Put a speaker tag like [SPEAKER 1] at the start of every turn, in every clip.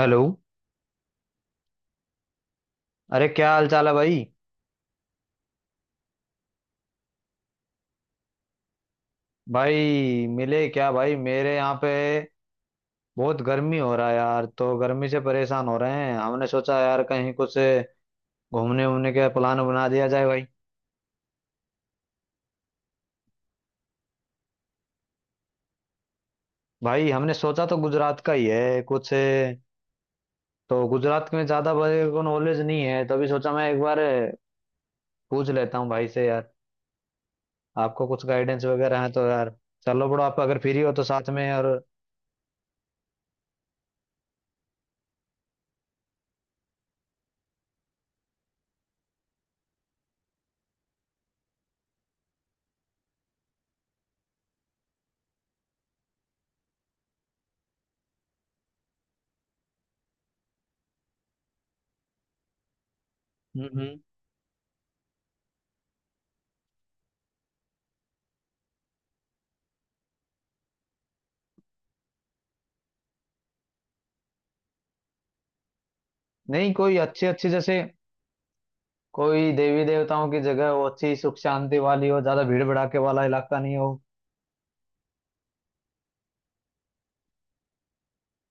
[SPEAKER 1] Hello. अरे क्या हाल चाल है भाई। भाई मिले क्या? भाई मेरे यहाँ पे बहुत गर्मी हो रहा है यार, तो गर्मी से परेशान हो रहे हैं। हमने सोचा यार कहीं कुछ घूमने वूमने का प्लान बना दिया जाए भाई। भाई हमने सोचा तो गुजरात का ही है कुछ, तो गुजरात में ज़्यादा मेरे को नॉलेज नहीं है, तभी सोचा मैं एक बार पूछ लेता हूँ भाई से यार। आपको कुछ गाइडेंस वगैरह है तो यार चलो बड़ो, आप अगर फ्री हो तो साथ में। और हम्म हम्म। नहीं, कोई अच्छी अच्छी जैसे कोई देवी देवताओं की जगह हो, अच्छी सुख शांति वाली हो, ज्यादा भीड़ भड़ाके वाला इलाका नहीं हो।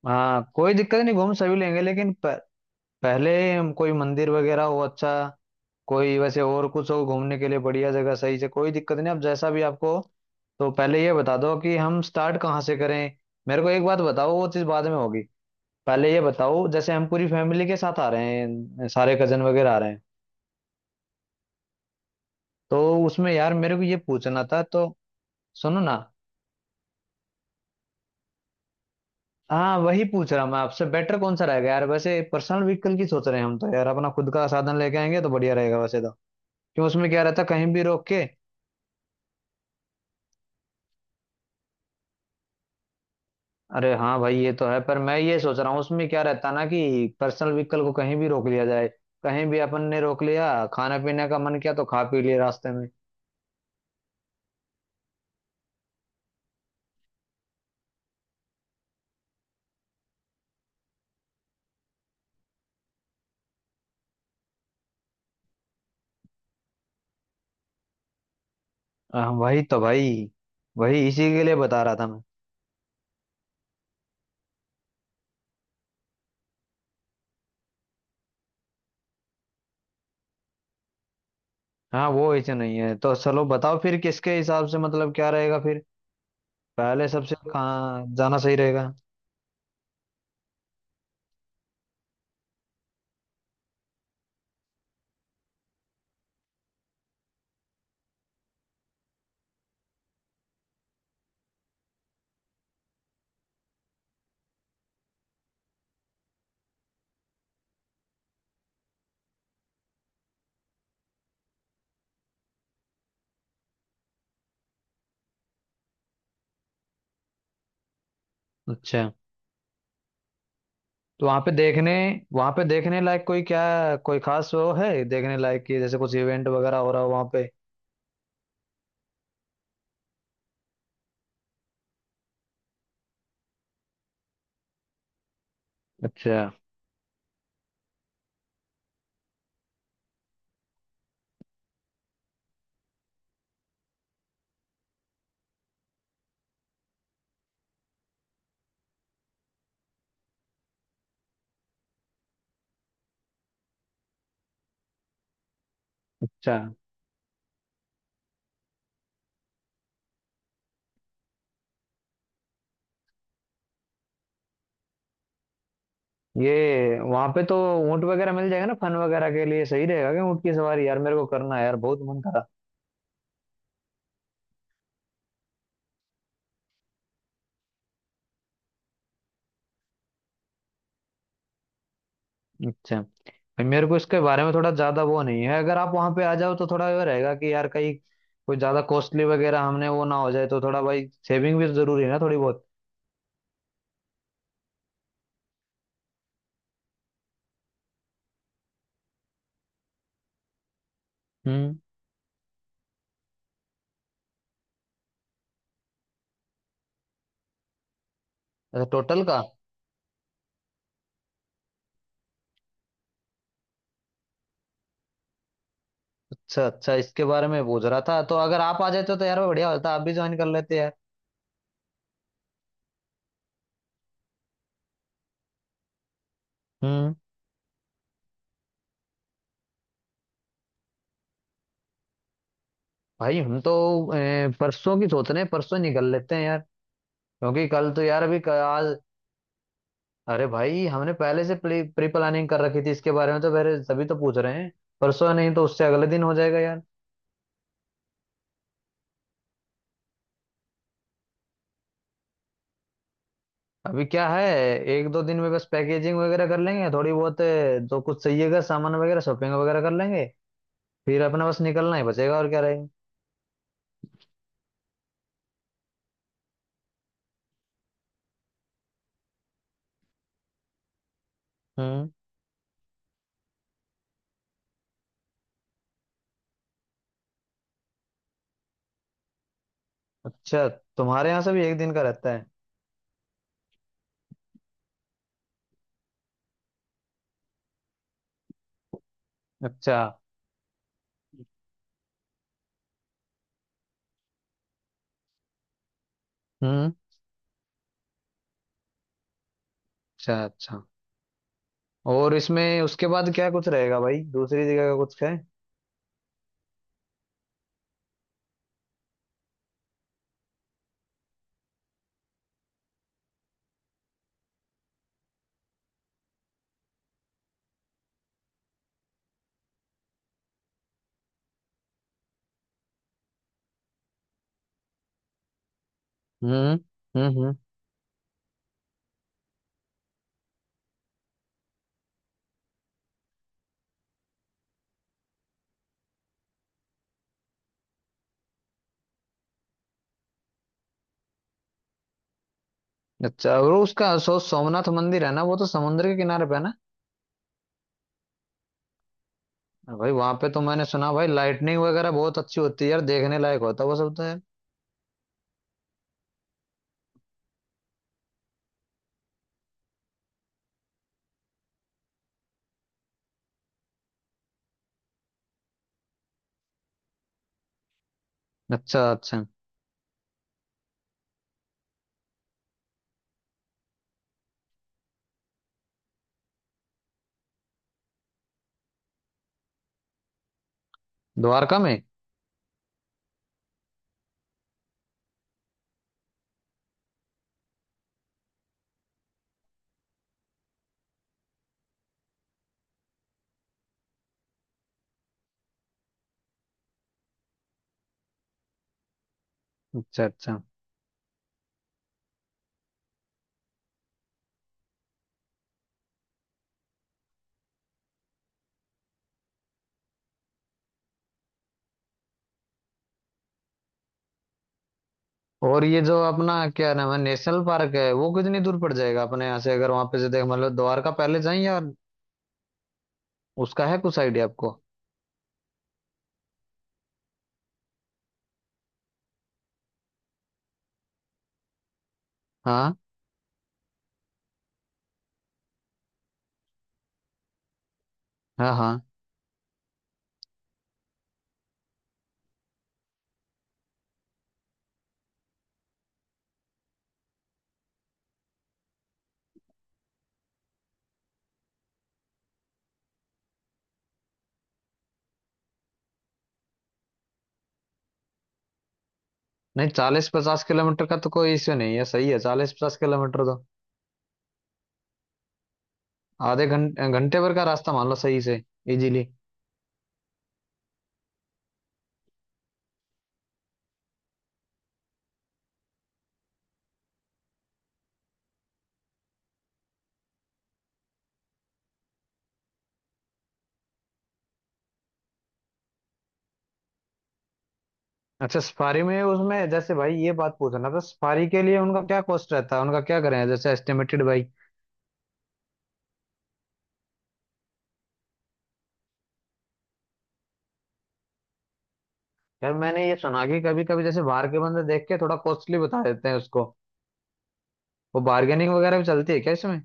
[SPEAKER 1] हाँ कोई दिक्कत नहीं, घूम सभी लेंगे, लेकिन पहले हम कोई मंदिर वगैरह हो अच्छा, कोई वैसे और कुछ हो घूमने के लिए बढ़िया जगह, सही से कोई दिक्कत नहीं, अब जैसा भी आपको। तो पहले ये बता दो कि हम स्टार्ट कहाँ से करें। मेरे को एक बात बताओ, वो चीज़ बाद में होगी। पहले ये बताओ, जैसे हम पूरी फैमिली के साथ आ रहे हैं, सारे कजन वगैरह आ रहे हैं, तो उसमें यार मेरे को ये पूछना था तो सुनो ना। हाँ वही पूछ रहा मैं आपसे, बेटर कौन सा रहेगा यार। वैसे पर्सनल व्हीकल की सोच रहे हैं हम, तो यार अपना खुद का साधन लेके आएंगे तो बढ़िया रहेगा वैसे तो। क्यों, उसमें क्या रहता कहीं भी रोक के? अरे हाँ भाई ये तो है, पर मैं ये सोच रहा हूँ उसमें क्या रहता ना कि पर्सनल व्हीकल को कहीं भी रोक लिया जाए, कहीं भी अपन ने रोक लिया, खाना पीने का मन किया तो खा पी लिया रास्ते में। हाँ, वही तो भाई, वही इसी के लिए बता रहा था मैं। हाँ वो ऐसे नहीं है, तो चलो बताओ फिर किसके हिसाब से मतलब क्या रहेगा फिर। पहले सबसे कहाँ जाना सही रहेगा? अच्छा, तो वहां पे देखने, वहां पे देखने लायक कोई क्या कोई खास वो है देखने लायक, कि जैसे कुछ इवेंट वगैरह हो रहा हो वहां पे? अच्छा अच्छा। ये वहां पे तो ऊंट वगैरह मिल जाएगा ना फन वगैरह के लिए? सही रहेगा क्या? ऊंट की सवारी यार मेरे को करना है यार, बहुत मन करा। अच्छा। भाई, मेरे को इसके बारे में थोड़ा ज्यादा वो नहीं है। अगर आप वहां पे आ जाओ तो थोड़ा ये रहेगा कि यार कहीं कोई ज्यादा कॉस्टली वगैरह हमने वो ना हो जाए, तो थोड़ा भाई सेविंग भी जरूरी है ना थोड़ी बहुत। हम्म। अच्छा टोटल का। अच्छा अच्छा, इसके बारे में पूछ रहा था। तो अगर आप आ जाते तो यार वो बढ़िया होता, आप भी ज्वाइन कर लेते यार। हम्म। भाई हम तो परसों की सोच रहे हैं, परसों निकल लेते हैं यार, क्योंकि कल तो यार अभी आज। अरे भाई हमने पहले से प्री प्लानिंग कर रखी थी इसके बारे में, तो फिर सभी तो पूछ रहे हैं। परसों नहीं तो उससे अगले दिन हो जाएगा यार। अभी क्या है, एक दो दिन में बस पैकेजिंग वगैरह कर लेंगे थोड़ी बहुत, जो कुछ चाहिएगा सामान वगैरह शॉपिंग वगैरह कर लेंगे, फिर अपना बस निकलना ही बचेगा, और क्या रहेगा। हम्म। अच्छा, तुम्हारे यहाँ से भी एक दिन का रहता है? अच्छा। हम्म। अच्छा अच्छा, और इसमें उसके बाद क्या कुछ रहेगा भाई? दूसरी जगह का कुछ है? हम्म हम्म। हम्म। अच्छा, और उसका सो सोमनाथ मंदिर है ना, वो तो समुद्र के किनारे पे है ना? हाँ भाई वहां पे तो मैंने सुना भाई लाइटनिंग वगैरह बहुत अच्छी होती है यार, देखने लायक होता है वो सब तो यार। अच्छा अच्छा। द्वारका में? अच्छा अच्छा। और ये जो अपना क्या नाम है, नेशनल पार्क है, वो कितनी दूर पड़ जाएगा अपने यहाँ से? अगर वहां पे से देख मतलब द्वारका पहले जाए या, उसका है कुछ आइडिया आपको? हाँ हाँ। हाँ नहीं, चालीस पचास किलोमीटर का तो कोई इश्यू नहीं है, सही है चालीस पचास किलोमीटर तो, आधे घंटे घंटे भर का रास्ता मान लो सही से। इजीली। अच्छा सफारी में, उसमें जैसे भाई ये बात पूछना था, सफारी के लिए उनका क्या कॉस्ट रहता है, उनका क्या करें जैसे एस्टिमेटेड भाई? यार मैंने ये सुना कि कभी कभी जैसे बाहर के बंदे देख के थोड़ा कॉस्टली बता देते हैं उसको। वो बार्गेनिंग वगैरह भी चलती है क्या इसमें?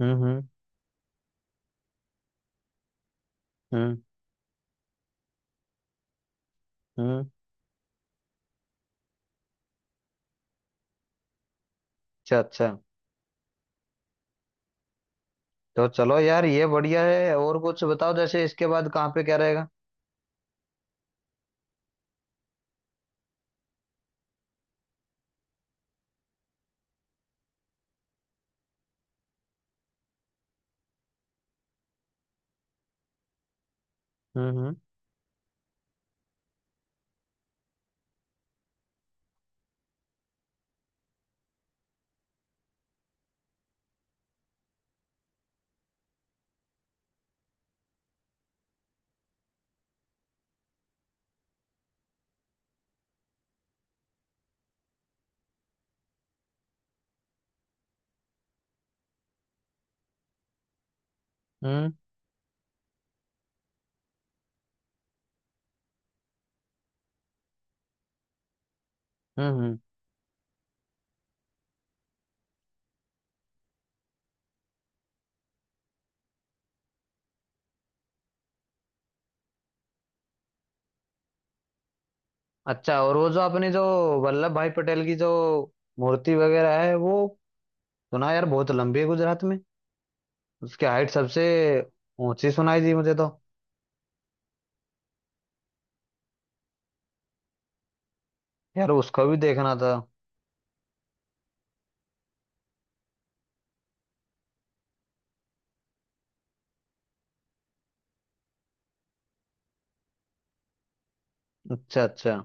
[SPEAKER 1] हम्म। हम्म हम्म। अच्छा अच्छा। तो चलो यार ये बढ़िया है। और कुछ बताओ जैसे इसके बाद कहाँ पे क्या रहेगा? हम्म। हम्म हम्म। अच्छा, और वो जो अपनी जो वल्लभ भाई पटेल की जो मूर्ति वगैरह है, वो सुना यार बहुत लंबी है गुजरात में, उसकी हाइट सबसे ऊंची सुनाई दी मुझे तो। यार उसको भी देखना था। अच्छा अच्छा।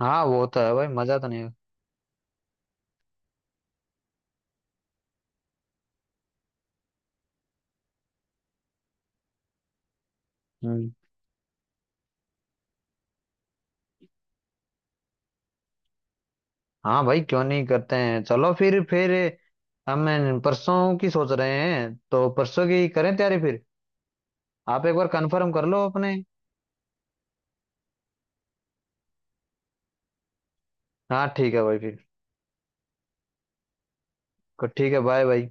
[SPEAKER 1] हाँ वो तो है भाई, मजा तो नहीं है। हम्म। हाँ भाई क्यों नहीं, करते हैं चलो फिर। फिर हम परसों की सोच रहे हैं, तो परसों की करें तैयारी फिर। आप एक बार कंफर्म कर लो अपने। हाँ ठीक है भाई फिर। ठीक है, बाय भाई।